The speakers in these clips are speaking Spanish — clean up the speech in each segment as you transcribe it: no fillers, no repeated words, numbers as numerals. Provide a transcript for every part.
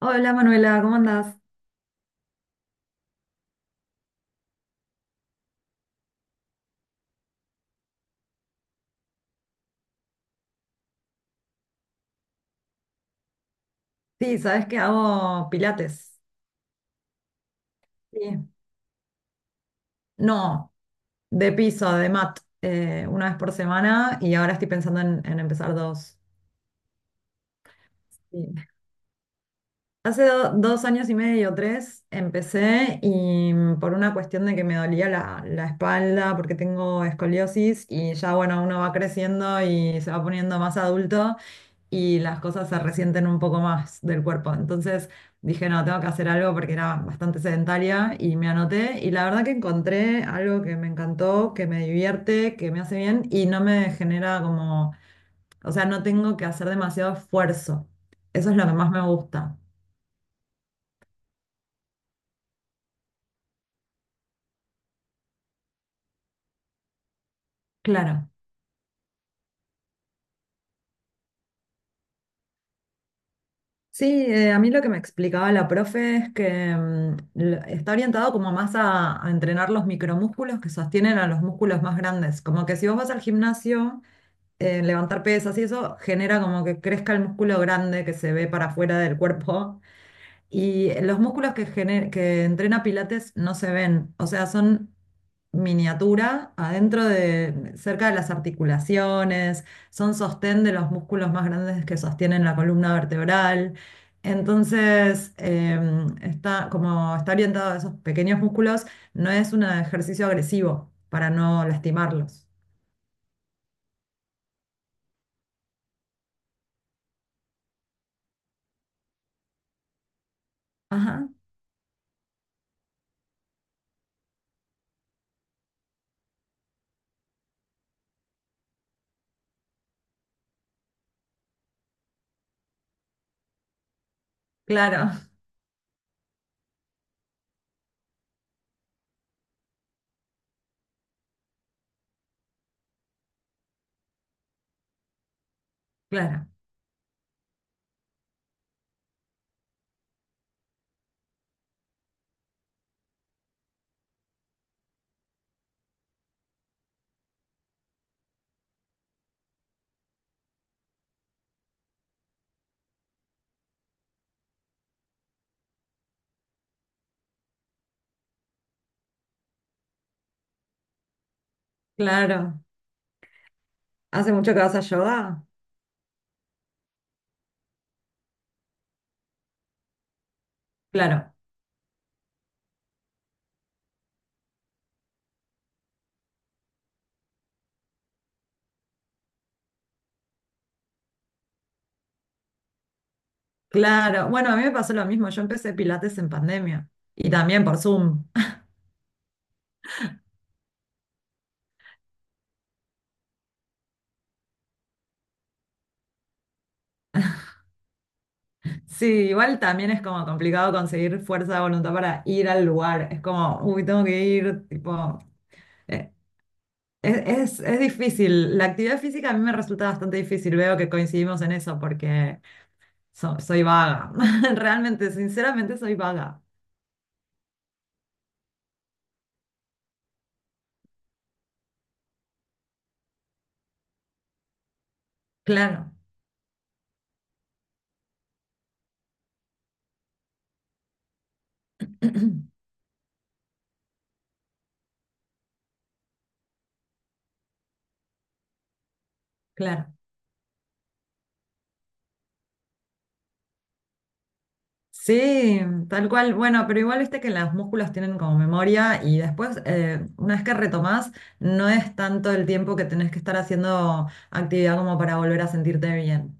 Hola Manuela, ¿cómo andás? Sí, sabes que hago pilates. Sí. No, de piso, de mat, una vez por semana y ahora estoy pensando en empezar dos. Sí. Hace dos años y medio, tres, empecé y por una cuestión de que me dolía la espalda porque tengo escoliosis y ya bueno, uno va creciendo y se va poniendo más adulto y las cosas se resienten un poco más del cuerpo. Entonces dije, no, tengo que hacer algo porque era bastante sedentaria y me anoté y la verdad que encontré algo que me encantó, que me divierte, que me hace bien y no me genera como, o sea, no tengo que hacer demasiado esfuerzo. Eso es lo que más me gusta. Claro. Sí, a mí lo que me explicaba la profe es que está orientado como más a entrenar los micromúsculos que sostienen a los músculos más grandes. Como que si vos vas al gimnasio levantar pesas y eso genera como que crezca el músculo grande que se ve para afuera del cuerpo. Y los músculos que, que entrena Pilates no se ven, o sea, son miniatura adentro de, cerca de las articulaciones, son sostén de los músculos más grandes que sostienen la columna vertebral. Entonces, está, como está orientado a esos pequeños músculos, no es un ejercicio agresivo para no lastimarlos. Ajá, claro, claro. Claro. ¿Hace mucho que vas a yoga? Claro, claro. Bueno, a mí me pasó lo mismo. Yo empecé Pilates en pandemia y también por Zoom. Sí, igual también es como complicado conseguir fuerza de voluntad para ir al lugar. Es como, uy, tengo que ir, tipo, eh, es, es difícil. La actividad física a mí me resulta bastante difícil. Veo que coincidimos en eso porque soy vaga. Realmente, sinceramente, soy vaga. Claro, claro. Sí, tal cual. Bueno, pero igual viste que los músculos tienen como memoria y después, una vez que retomás, no es tanto el tiempo que tenés que estar haciendo actividad como para volver a sentirte bien.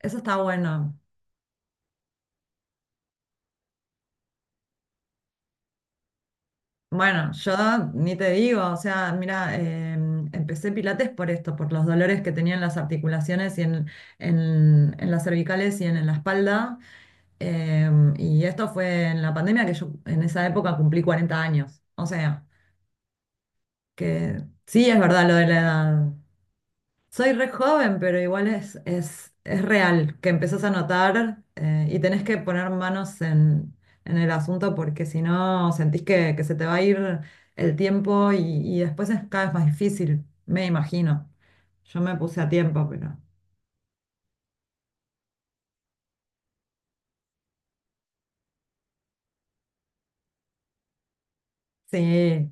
Eso está bueno. Bueno, yo ni te digo, o sea, mira, empecé pilates por esto, por los dolores que tenía en las articulaciones y en las cervicales y en la espalda. Eh, y esto fue en la pandemia que yo en esa época cumplí 40 años. O sea. Que sí, es verdad lo de la edad. Soy re joven, pero igual es real que empezás a notar y tenés que poner manos en el asunto porque si no sentís que se te va a ir el tiempo y después es cada vez más difícil, me imagino. Yo me puse a tiempo, pero sí.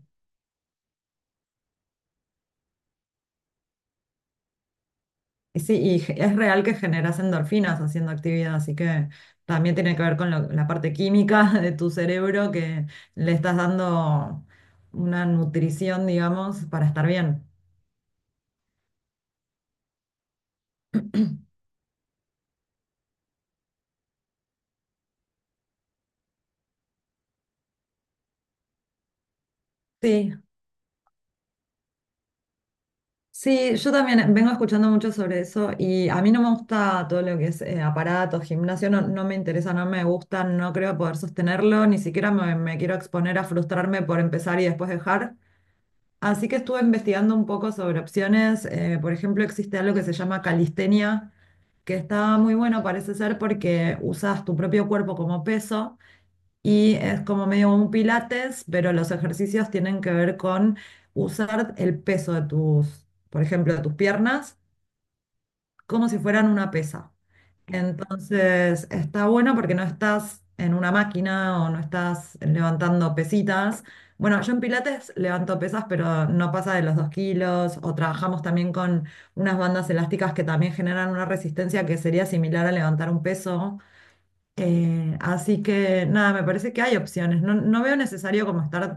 Sí, y es real que generas endorfinas haciendo actividad, así que también tiene que ver con la parte química de tu cerebro que le estás dando una nutrición, digamos, para estar bien. Sí, sí, yo también vengo escuchando mucho sobre eso y a mí no me gusta todo lo que es aparatos, gimnasio, no, no me interesa, no me gusta, no creo poder sostenerlo, ni siquiera me, me quiero exponer a frustrarme por empezar y después dejar. Así que estuve investigando un poco sobre opciones. Por ejemplo, existe algo que se llama calistenia, que está muy bueno, parece ser, porque usas tu propio cuerpo como peso y es como medio un pilates, pero los ejercicios tienen que ver con usar el peso de tus, por ejemplo, de tus piernas como si fueran una pesa. Entonces está bueno porque no estás en una máquina o no estás levantando pesitas. Bueno, yo en Pilates levanto pesas, pero no pasa de los 2 kilos. O trabajamos también con unas bandas elásticas que también generan una resistencia que sería similar a levantar un peso. Así que nada, me parece que hay opciones. No, no veo necesario como estar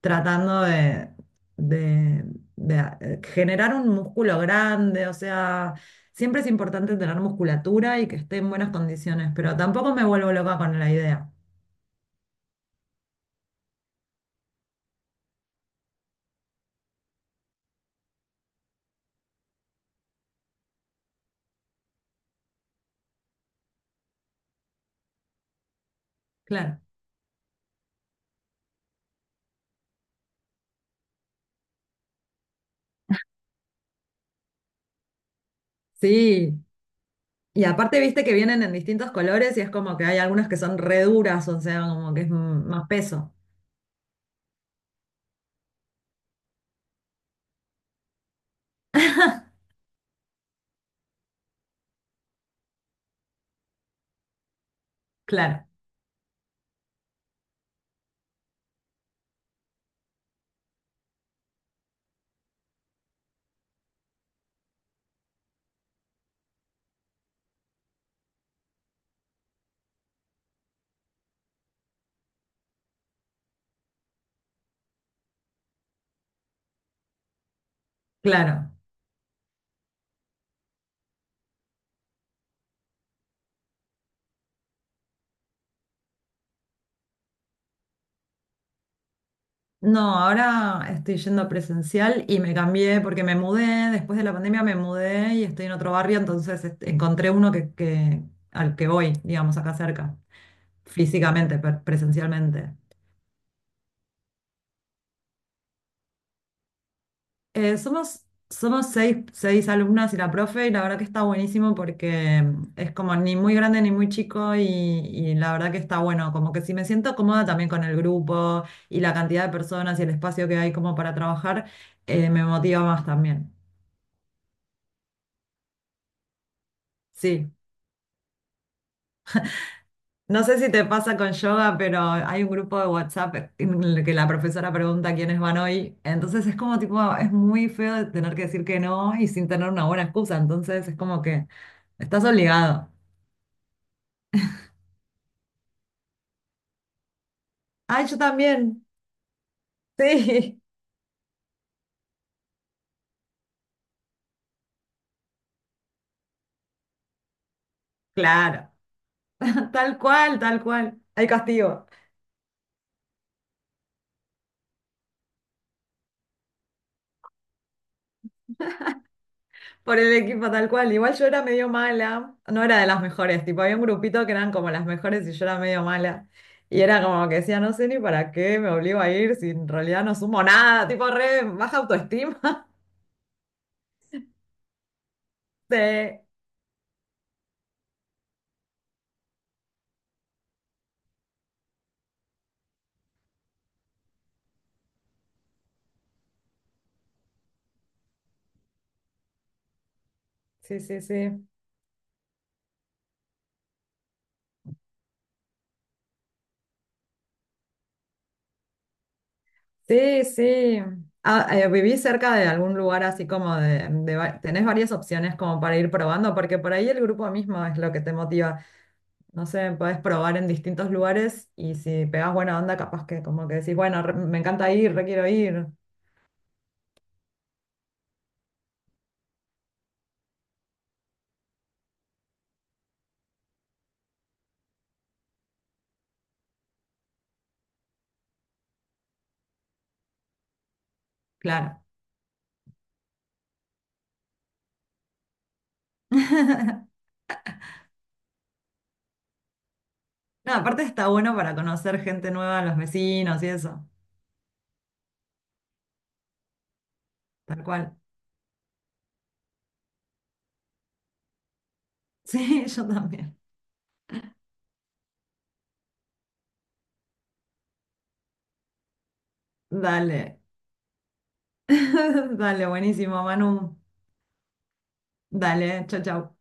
tratando de, de- generar un músculo grande, o sea, siempre es importante tener musculatura y que esté en buenas condiciones, pero tampoco me vuelvo loca con la idea. Claro. Sí. Y aparte, viste que vienen en distintos colores y es como que hay algunas que son re duras, o sea, como que es más peso. Claro, claro. No, ahora estoy yendo presencial y me cambié porque me mudé, después de la pandemia me mudé y estoy en otro barrio, entonces este, encontré uno al que voy, digamos, acá cerca, físicamente, presencialmente. Somos 6, 6 alumnas y la profe, y la verdad que está buenísimo porque es como ni muy grande ni muy chico, y la verdad que está bueno, como que si me siento cómoda también con el grupo y la cantidad de personas y el espacio que hay como para trabajar, me motiva más también. Sí. No sé si te pasa con yoga, pero hay un grupo de WhatsApp en el que la profesora pregunta quiénes van hoy. Entonces es como tipo, es muy feo de tener que decir que no y sin tener una buena excusa. Entonces es como que estás obligado. Ay, yo también. Sí, claro. Tal cual, tal cual. Hay castigo. Por el equipo tal cual. Igual yo era medio mala, no era de las mejores, tipo había un grupito que eran como las mejores y yo era medio mala. Y era como que decía, no sé ni para qué me obligo a ir si en realidad no sumo nada, tipo re baja autoestima. Sí, sí, sí, sí. Sí, sí. Ah, ¿viví cerca de algún lugar así como de, tenés varias opciones como para ir probando? Porque por ahí el grupo mismo es lo que te motiva. No sé, podés probar en distintos lugares y si pegás buena onda, capaz que como que decís, bueno, me encanta ir, re quiero ir. Claro. No, aparte está bueno para conocer gente nueva, los vecinos y eso. Tal cual. Sí, yo también. Dale. Dale, buenísimo, Manu. Dale, chau, chau.